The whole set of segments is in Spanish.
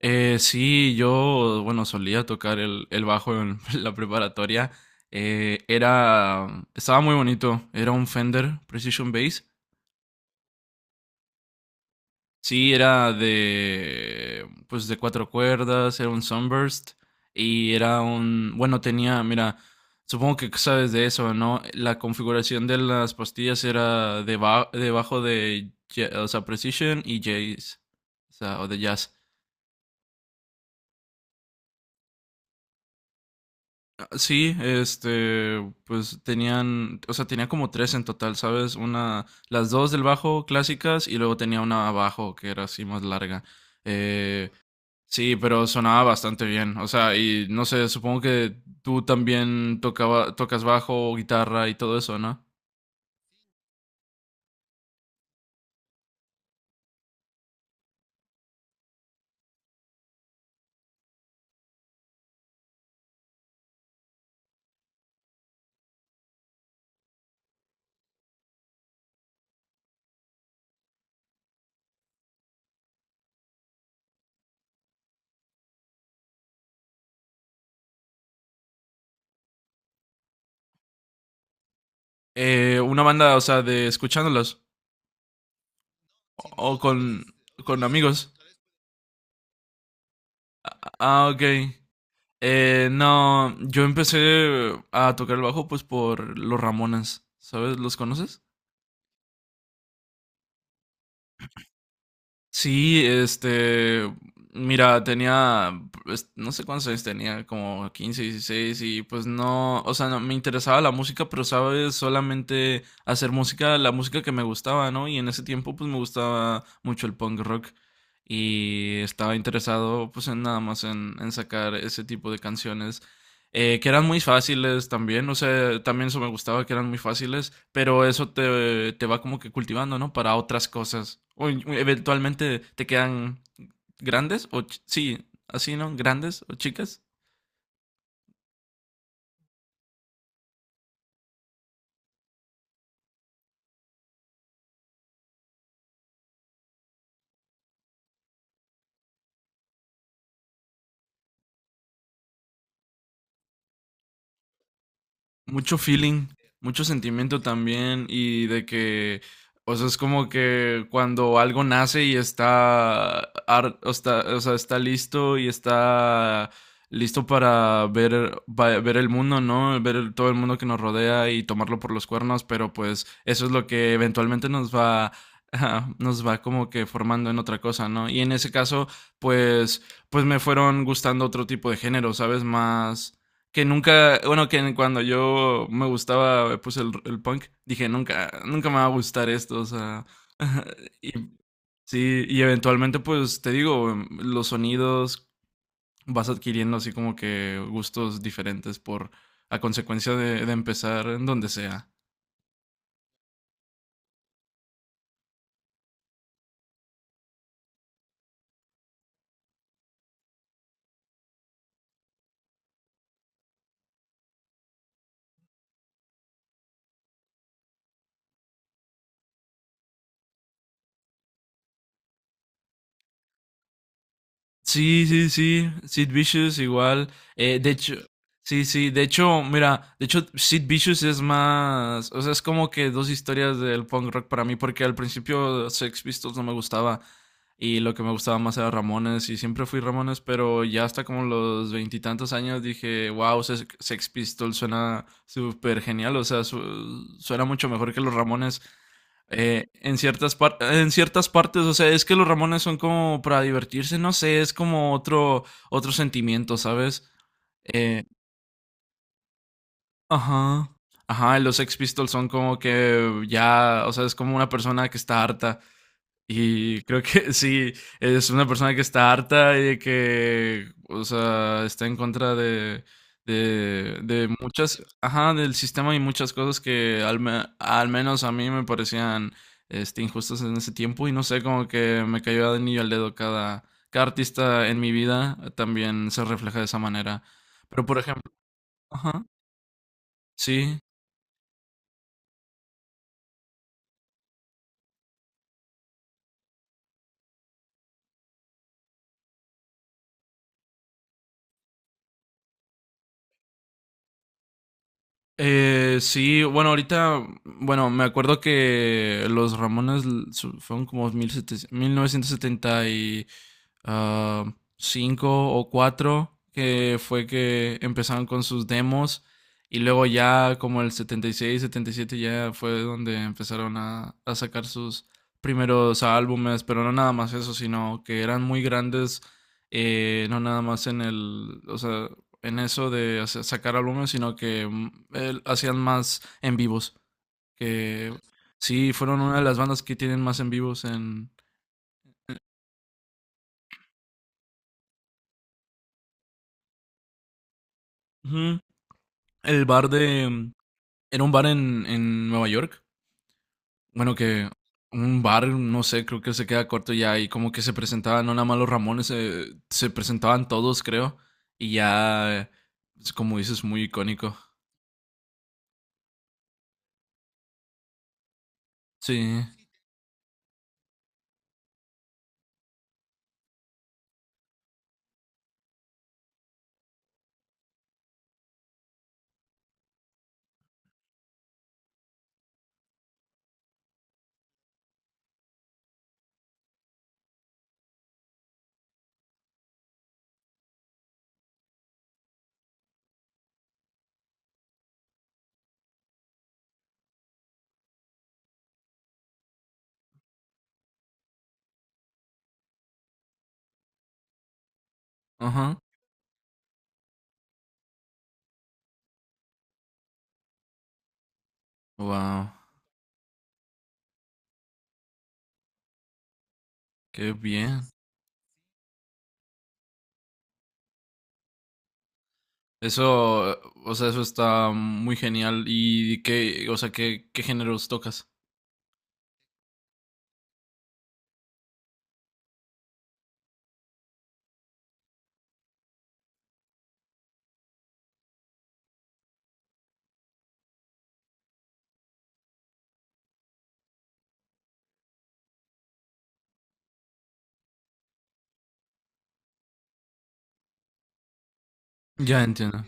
Sí, yo, bueno, solía tocar el bajo en la preparatoria. Eh, era, Estaba muy bonito. Era un Fender Precision Bass. Sí, era pues de cuatro cuerdas, era un Sunburst y era mira, supongo que sabes de eso, ¿no? La configuración de las pastillas era debajo o sea, Precision y Jazz, o sea, o de Jazz. Sí, este, o sea, tenía como tres en total, ¿sabes? Una, las dos del bajo clásicas y luego tenía una abajo que era así más larga. Eh, sí, pero sonaba bastante bien, o sea, y no sé, supongo que tú también tocas bajo, guitarra y todo eso, ¿no? Una banda, o sea, de escuchándolas o con amigos. Ah, ok. No, yo empecé a tocar el bajo pues por los Ramones, ¿sabes? ¿Los conoces? Sí, este, mira, pues, no sé cuántos años tenía, como 15, 16, y pues no, o sea, no, me interesaba la música, pero sabes, solamente hacer música, la música que me gustaba, ¿no? Y en ese tiempo pues me gustaba mucho el punk rock y estaba interesado pues en nada más en sacar ese tipo de canciones que eran muy fáciles también, no sé, también eso me gustaba que eran muy fáciles, pero eso te va como que cultivando, ¿no? Para otras cosas. Eventualmente te quedan grandes sí, así, ¿no? Grandes o chicas. Mucho feeling, mucho sentimiento también y de que, o sea, es como que cuando algo nace y está, o está, o sea, está listo y está listo para ver, ver el mundo, ¿no? ver todo el mundo que nos rodea y tomarlo por los cuernos, pero pues eso es lo que eventualmente nos va, nos va como que formando en otra cosa, ¿no? Y en ese caso, pues, pues me fueron gustando otro tipo de género, ¿sabes? Más que nunca, bueno, que cuando yo me gustaba, pues el punk, dije, nunca, nunca me va a gustar esto, o sea, y, sí, y eventualmente, pues te digo, los sonidos vas adquiriendo así como que gustos diferentes por, a consecuencia de empezar en donde sea. Sí, sí, sí, Sid Vicious igual. De hecho, sí, sí, de hecho, mira, de hecho, Sid Vicious es más, o sea, es como que dos historias del punk rock para mí, porque al principio Sex Pistols no me gustaba y lo que me gustaba más era Ramones y siempre fui Ramones, pero ya hasta como los veintitantos años dije, wow, Sex Pistols suena súper genial, o sea, suena mucho mejor que los Ramones. En ciertas partes, o sea, es que los Ramones son como para divertirse, no sé, es como otro sentimiento, ¿sabes? Eh, ajá. Ajá, los Sex Pistols son como que ya, o sea, es como una persona que está harta y creo que sí, es una persona que está harta y que, o sea, está en contra de muchas, ajá, del sistema y muchas cosas que al menos a mí me parecían este, injustas en ese tiempo y no sé, como que me cayó de anillo al dedo cada artista en mi vida también se refleja de esa manera. Pero, por ejemplo, ajá, sí. Sí, bueno, ahorita, bueno, me acuerdo que los Ramones fueron como mil novecientos setenta y ah, cinco o 4 que fue que empezaron con sus demos y luego ya como el setenta y seis, setenta y siete ya fue donde empezaron a sacar sus primeros álbumes, pero no nada más eso, sino que eran muy grandes, no nada más en el, o sea, en eso de sacar álbumes, sino que hacían más en vivos. Que sí, fueron una de las bandas que tienen más en vivos en... Ujú. El bar de... Era un bar en Nueva York. Bueno, que un bar, no sé, creo que se queda corto ya y como que se presentaban, no nada más los Ramones, se presentaban todos, creo. Y ya, es como dices, muy icónico. Sí, ajá. Wow, qué bien. Eso, o sea, eso está muy genial. ¿Y qué, o sea, qué géneros tocas? Ya entiendo.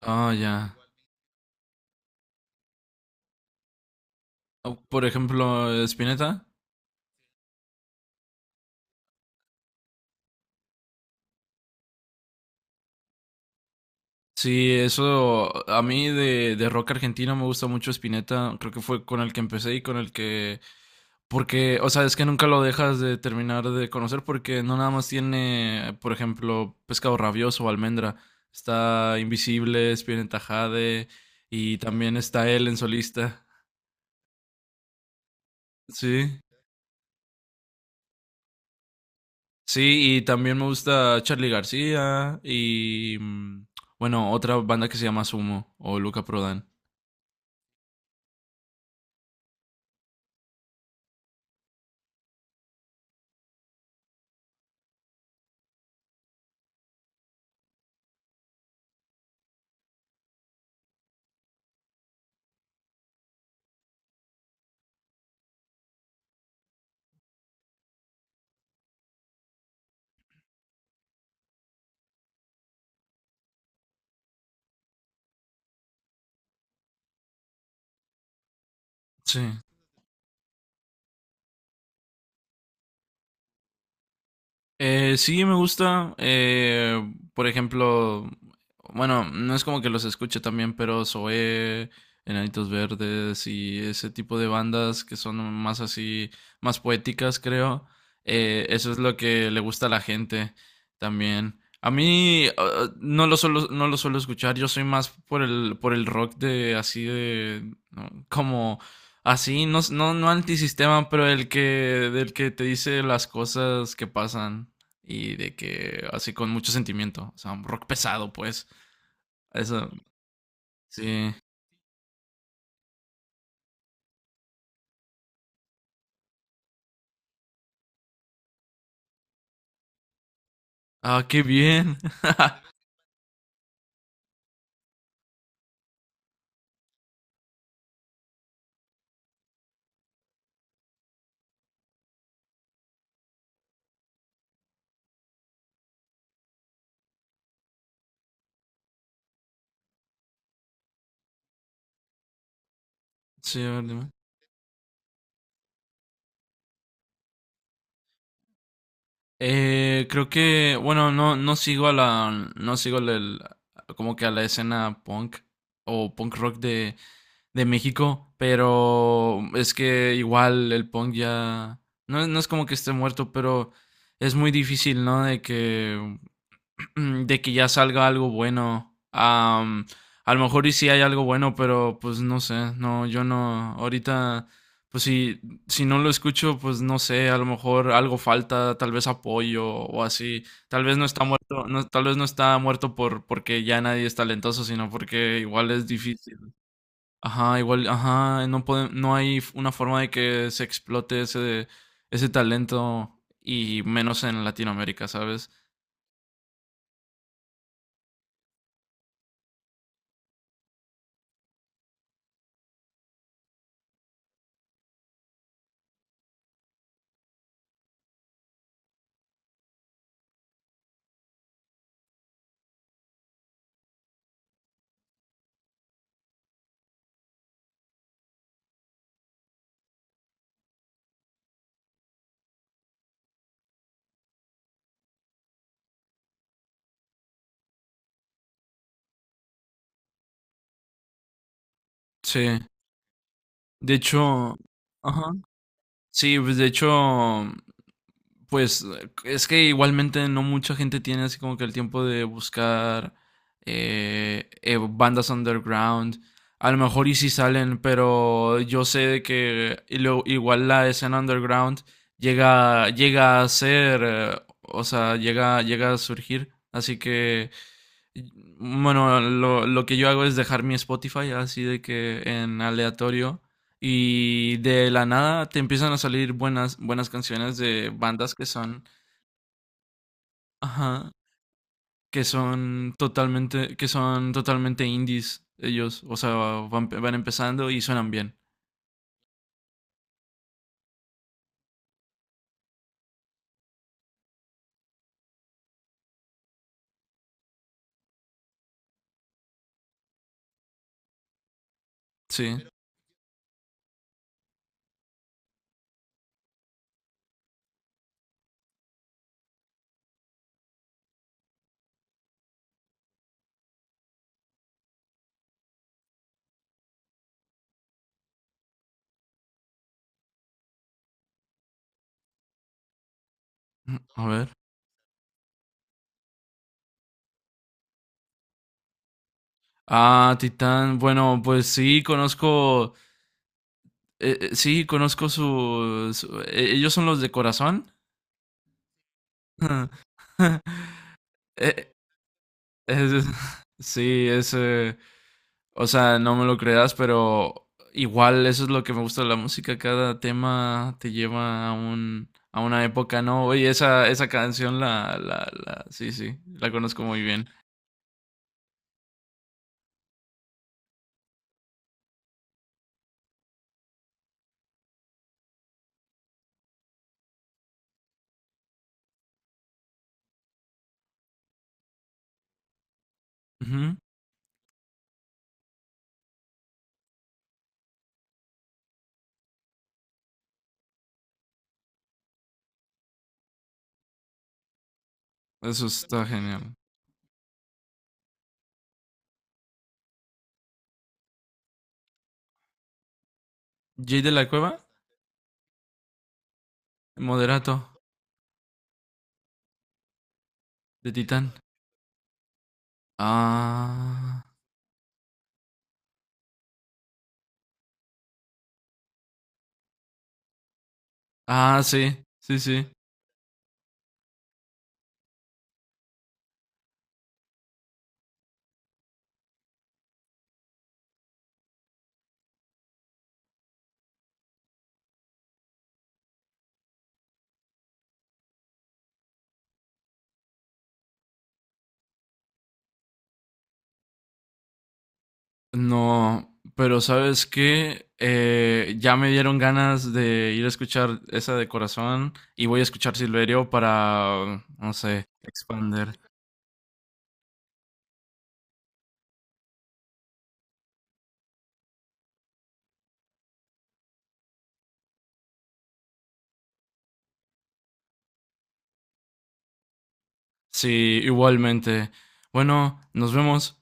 Ah, ya. Por ejemplo, Spinetta. Sí, eso a mí de rock argentino me gusta mucho Spinetta. Creo que fue con el que empecé y con el que... Porque, o sea, es que nunca lo dejas de terminar de conocer porque no nada más tiene, por ejemplo, Pescado Rabioso o Almendra. Está Invisible, Spinetta Jade y también está él en solista. Sí. Sí, y también me gusta Charlie García y bueno, otra banda que se llama Sumo o Luca Prodan. Sí. Sí, me gusta. Por ejemplo, bueno, no es como que los escuche también, pero Zoé, Enanitos Verdes y ese tipo de bandas que son más así, más poéticas, creo. Eso es lo que le gusta a la gente también. A mí no lo suelo escuchar. Yo soy más por el rock de así de ¿no? como Así, no, no, no antisistema, pero del que te dice las cosas que pasan y de que así con mucho sentimiento, o sea, un rock pesado, pues. Eso, sí. Ah, qué bien. Sí, a ver, dime. Creo que, bueno, no sigo a la, no sigo el- como que a la escena punk o punk rock de México, pero es que igual el punk ya, no, no es como que esté muerto, pero es muy difícil, ¿no? De que ya salga algo bueno. A lo mejor y sí hay algo bueno, pero pues no sé, no, yo no, ahorita, pues si no lo escucho, pues no sé, a lo mejor algo falta, tal vez apoyo o así, tal vez no está muerto, no, tal vez no está muerto porque ya nadie es talentoso, sino porque igual es difícil. Ajá, igual, ajá, no hay una forma de que se explote ese talento y menos en Latinoamérica, ¿sabes? Sí. De hecho, ajá. Sí, pues de hecho, pues es que igualmente no mucha gente tiene así como que el tiempo de buscar bandas underground. A lo mejor y si salen, pero yo sé de que y igual la escena underground llega a ser, o sea, llega a surgir. Así que, bueno, lo que yo hago es dejar mi Spotify así de que en aleatorio y de la nada te empiezan a salir buenas, buenas canciones de bandas que son, ajá, que son totalmente indies ellos. O sea, van empezando y suenan bien. Sí. A ver. Ah, Titán. Bueno, pues sí, conozco. Sí, conozco ellos son los de corazón. Eh, es- sí, es. O sea, no me lo creas, pero igual eso es lo que me gusta de la música. Cada tema te lleva a una época, ¿no? Oye, esa canción sí, sí, la conozco muy bien. Ujú. Eso está genial. Jay de la Cueva, Moderato, de Titán. Ah, ah, sí, sí, sí. No, pero ¿sabes qué? Ya me dieron ganas de ir a escuchar esa de corazón y voy a escuchar Silverio para, no sé, expander. Sí, igualmente. Bueno, nos vemos.